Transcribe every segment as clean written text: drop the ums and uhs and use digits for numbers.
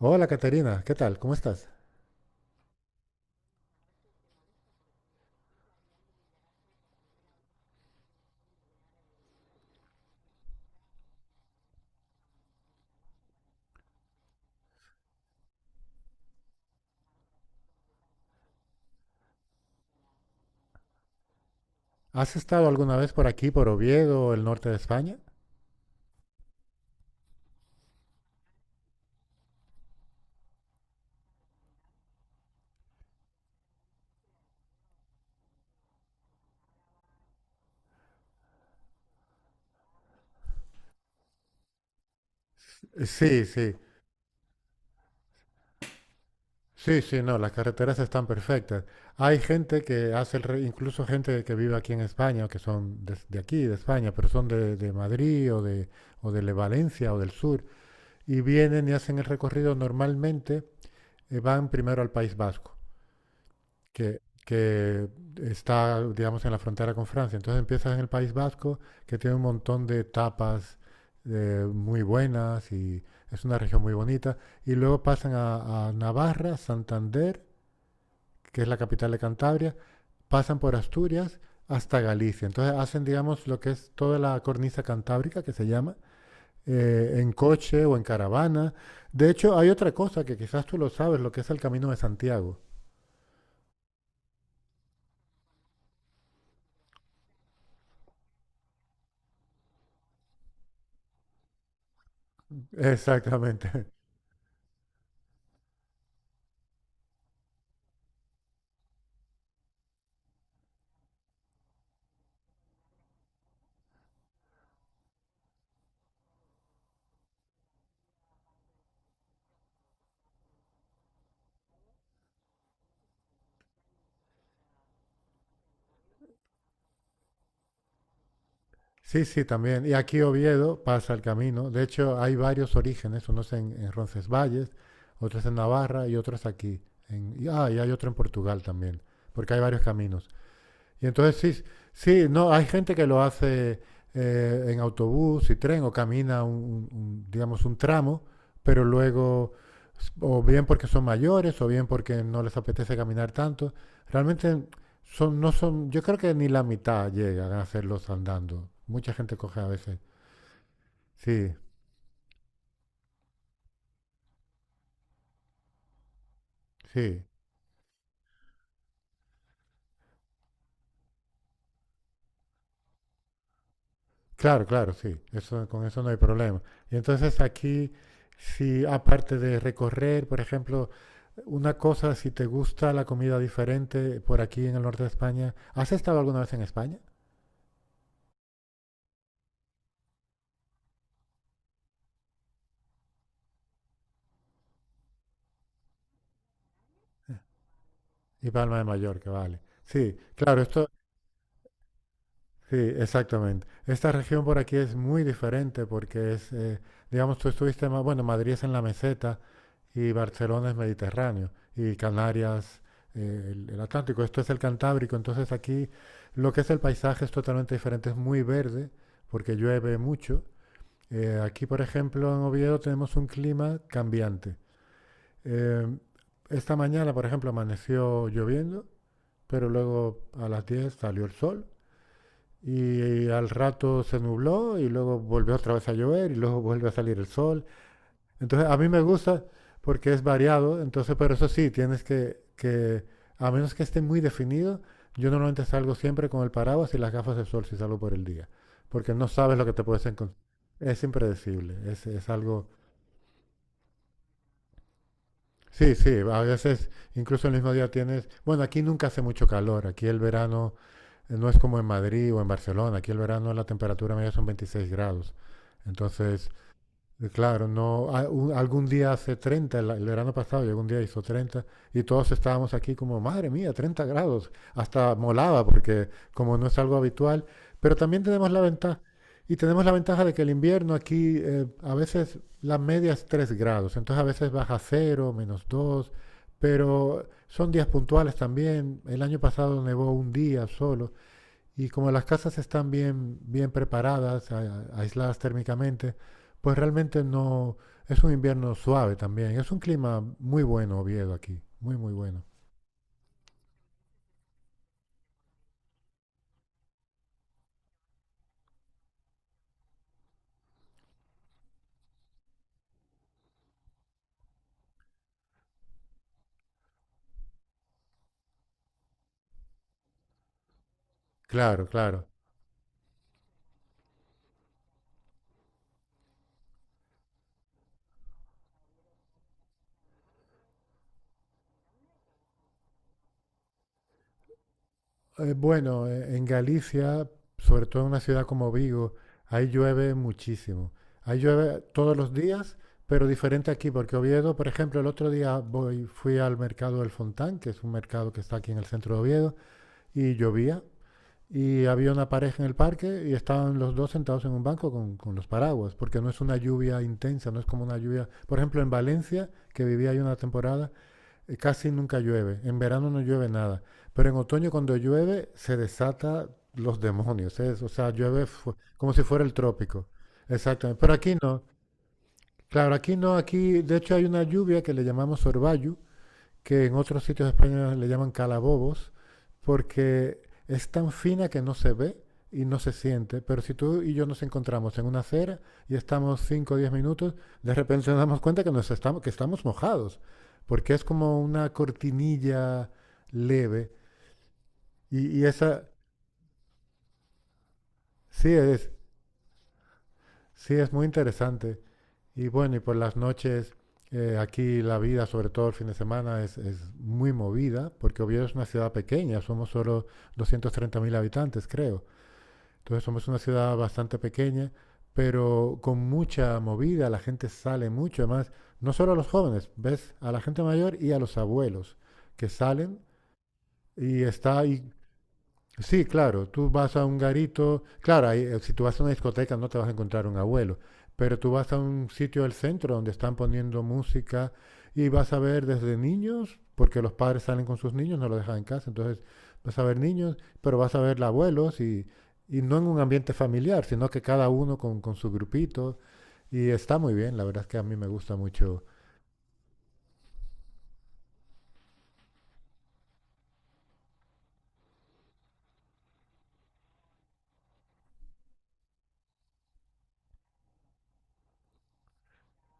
Hola Caterina, ¿qué tal? ¿Cómo estás? ¿Has estado alguna vez por aquí, por Oviedo, el norte de España? Eh, Sí, sí, sí, no, las carreteras están perfectas. Hay gente que hace, incluso gente que vive aquí en España, que son de aquí, de España, pero son de Madrid o de Valencia o del sur, y vienen y hacen el recorrido normalmente, van primero al País Vasco. Que está, digamos, en la frontera con Francia. Entonces empiezas en el País Vasco, que tiene un montón de tapas muy buenas, y es una región muy bonita. Y luego pasan a Navarra, Santander, que es la capital de Cantabria, pasan por Asturias hasta Galicia. Entonces hacen, digamos, lo que es toda la cornisa cantábrica, que se llama, en coche o en caravana. De hecho, hay otra cosa que quizás tú lo sabes, lo que es el Camino de Santiago. Exactamente. Sí, sí, también. Y aquí Oviedo pasa el camino. De hecho, hay varios orígenes, unos en Roncesvalles, otros en Navarra y otros aquí. Y, ah, y hay otro en Portugal también, porque hay varios caminos. Y entonces sí, sí, no, hay gente que lo hace en autobús y tren o camina un, digamos, un tramo, pero luego, o bien porque son mayores o bien porque no les apetece caminar tanto, realmente son, no son, yo creo que ni la mitad llegan a hacerlos andando. Mucha gente coge a veces. Sí, sí, claro, claro, sí, eso, con eso no hay problema. Y entonces aquí, si aparte de recorrer, por ejemplo, una cosa, si te gusta la comida diferente por aquí en el norte de España, ¿has estado alguna vez en España? Y Palma de Mallorca, vale. Sí, claro, esto, sí, exactamente. Esta región por aquí es muy diferente porque es, digamos, tú estuviste más, bueno, Madrid es en la meseta y Barcelona es Mediterráneo y Canarias, el Atlántico, esto es el Cantábrico, entonces aquí lo que es el paisaje es totalmente diferente, es muy verde porque llueve mucho. Aquí, por ejemplo, en Oviedo tenemos un clima cambiante. Eh, esta mañana, por ejemplo, amaneció lloviendo, pero luego a las 10 salió el sol, y al rato se nubló y luego volvió otra vez a llover y luego vuelve a salir el sol. Entonces a mí me gusta porque es variado. Entonces, pero eso sí, tienes que, a menos que esté muy definido, yo normalmente salgo siempre con el paraguas y las gafas de sol si salgo por el día, porque no sabes lo que te puedes encontrar. Es impredecible, es algo. Sí, sí, a veces incluso el mismo día tienes, bueno, aquí nunca hace mucho calor, aquí el verano no es como en Madrid o en Barcelona, aquí el verano la temperatura media son 26 grados, entonces claro, no, algún día hace treinta, el verano pasado, llegó un día hizo treinta, y todos estábamos aquí como, madre mía, 30 grados, hasta molaba porque como no es algo habitual, pero también tenemos la ventaja, y tenemos la ventaja de que el invierno aquí a veces la media es 3 grados, entonces a veces baja cero, menos 2, pero son días puntuales también, el año pasado nevó un día solo, y como las casas están bien, bien preparadas, aisladas térmicamente, pues realmente no, es un invierno suave también. Es un clima muy bueno, Oviedo, aquí. Muy, muy bueno. Claro, claro. Bueno, en Galicia, sobre todo en una ciudad como Vigo, ahí llueve muchísimo. Ahí llueve todos los días, pero diferente aquí, porque Oviedo, por ejemplo, el otro día voy, fui al mercado del Fontán, que es un mercado que está aquí en el centro de Oviedo, y llovía, y había una pareja en el parque y estaban los dos sentados en un banco con los paraguas, porque no es una lluvia intensa, no es como una lluvia. Por ejemplo, en Valencia, que vivía ahí una temporada, casi nunca llueve, en verano no llueve nada, pero en otoño cuando llueve se desata los demonios, o sea, llueve como si fuera el trópico. Exactamente, pero aquí no. Claro, aquí no, aquí de hecho hay una lluvia que le llamamos orvallo, que en otros sitios de España le llaman calabobos, porque es tan fina que no se ve y no se siente. Pero si tú y yo nos encontramos en una acera y estamos 5 o 10 minutos, de repente nos damos cuenta que, nos estamos, que estamos mojados, porque es como una cortinilla leve. Y esa sí es, sí es muy interesante. Y bueno, y por las noches, aquí la vida, sobre todo el fin de semana, es muy movida, porque Oviedo es una ciudad pequeña, somos solo 230.000 habitantes, creo. Entonces somos una ciudad bastante pequeña, pero con mucha movida, la gente sale mucho, además, no solo a los jóvenes, ves a la gente mayor y a los abuelos que salen y está y sí, claro, tú vas a un garito, claro, ahí, si tú vas a una discoteca no te vas a encontrar un abuelo, pero tú vas a un sitio del centro donde están poniendo música y vas a ver desde niños, porque los padres salen con sus niños, no los dejan en casa, entonces vas a ver niños, pero vas a ver abuelos y no en un ambiente familiar, sino que cada uno con su grupito, y está muy bien, la verdad es que a mí me gusta mucho.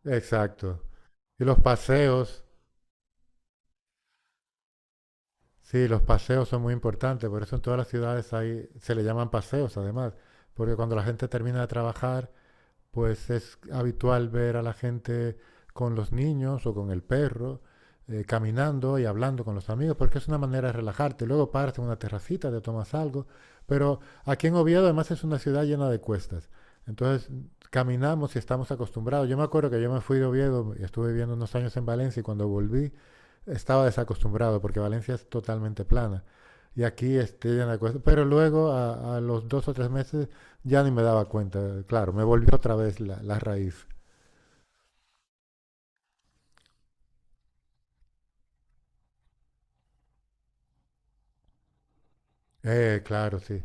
Exacto. Y los paseos. Sí, los paseos son muy importantes, por eso en todas las ciudades hay, se le llaman paseos además, porque cuando la gente termina de trabajar, pues es habitual ver a la gente con los niños o con el perro, caminando y hablando con los amigos, porque es una manera de relajarte. Luego paras en una terracita, te tomas algo, pero aquí en Oviedo además es una ciudad llena de cuestas. Entonces caminamos y estamos acostumbrados. Yo me acuerdo que yo me fui de Oviedo y estuve viviendo unos años en Valencia y cuando volví estaba desacostumbrado porque Valencia es totalmente plana. Y aquí estoy en la cuesta. Pero luego, los dos o tres meses, ya ni me daba cuenta. Claro, me volvió otra vez la raíz. Claro, sí.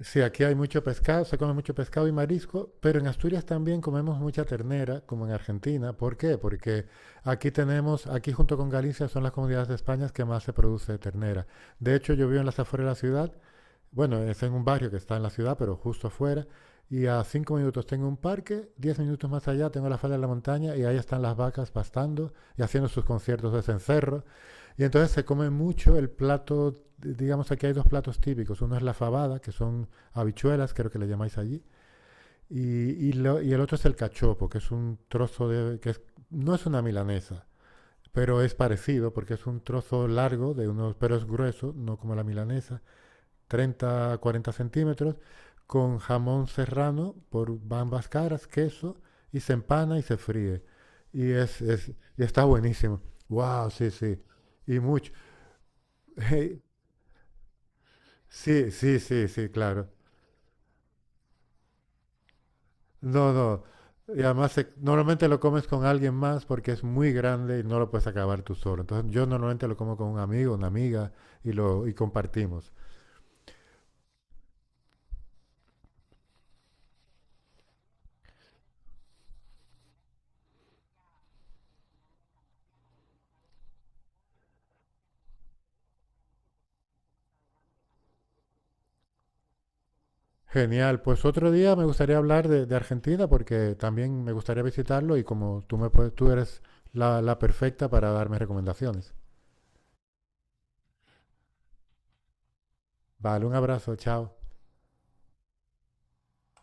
Sí, aquí hay mucho pescado, se come mucho pescado y marisco, pero en Asturias también comemos mucha ternera, como en Argentina. ¿Por qué? Porque aquí tenemos, aquí junto con Galicia son las comunidades de España que más se produce ternera. De hecho, yo vivo en las afueras de la ciudad. Bueno, es en un barrio que está en la ciudad, pero justo afuera. Y a 5 minutos tengo un parque, 10 minutos más allá tengo la falda de la montaña y ahí están las vacas pastando y haciendo sus conciertos de cencerro. Y entonces se come mucho el plato, digamos aquí hay dos platos típicos. Uno es la fabada, que son habichuelas, creo que le llamáis allí. Y, y el otro es el cachopo, que es un trozo de, no es una milanesa, pero es parecido porque es un trozo largo de unos, pero es grueso, no como la milanesa. 30, 40 centímetros, con jamón serrano por ambas caras, queso, y se empana y se fríe. Y, es, y está buenísimo. ¡Wow! Sí, sí. Y mucho. Sí, sí, sí, sí, claro. No, no. Y además, normalmente lo comes con alguien más porque es muy grande y no lo puedes acabar tú solo. Entonces, yo normalmente lo como con un amigo, una amiga, y lo y compartimos. Genial, pues otro día me gustaría hablar de Argentina porque también me gustaría visitarlo y como tú, me puedes- tú eres la, la perfecta para darme recomendaciones. Vale, un abrazo, chao.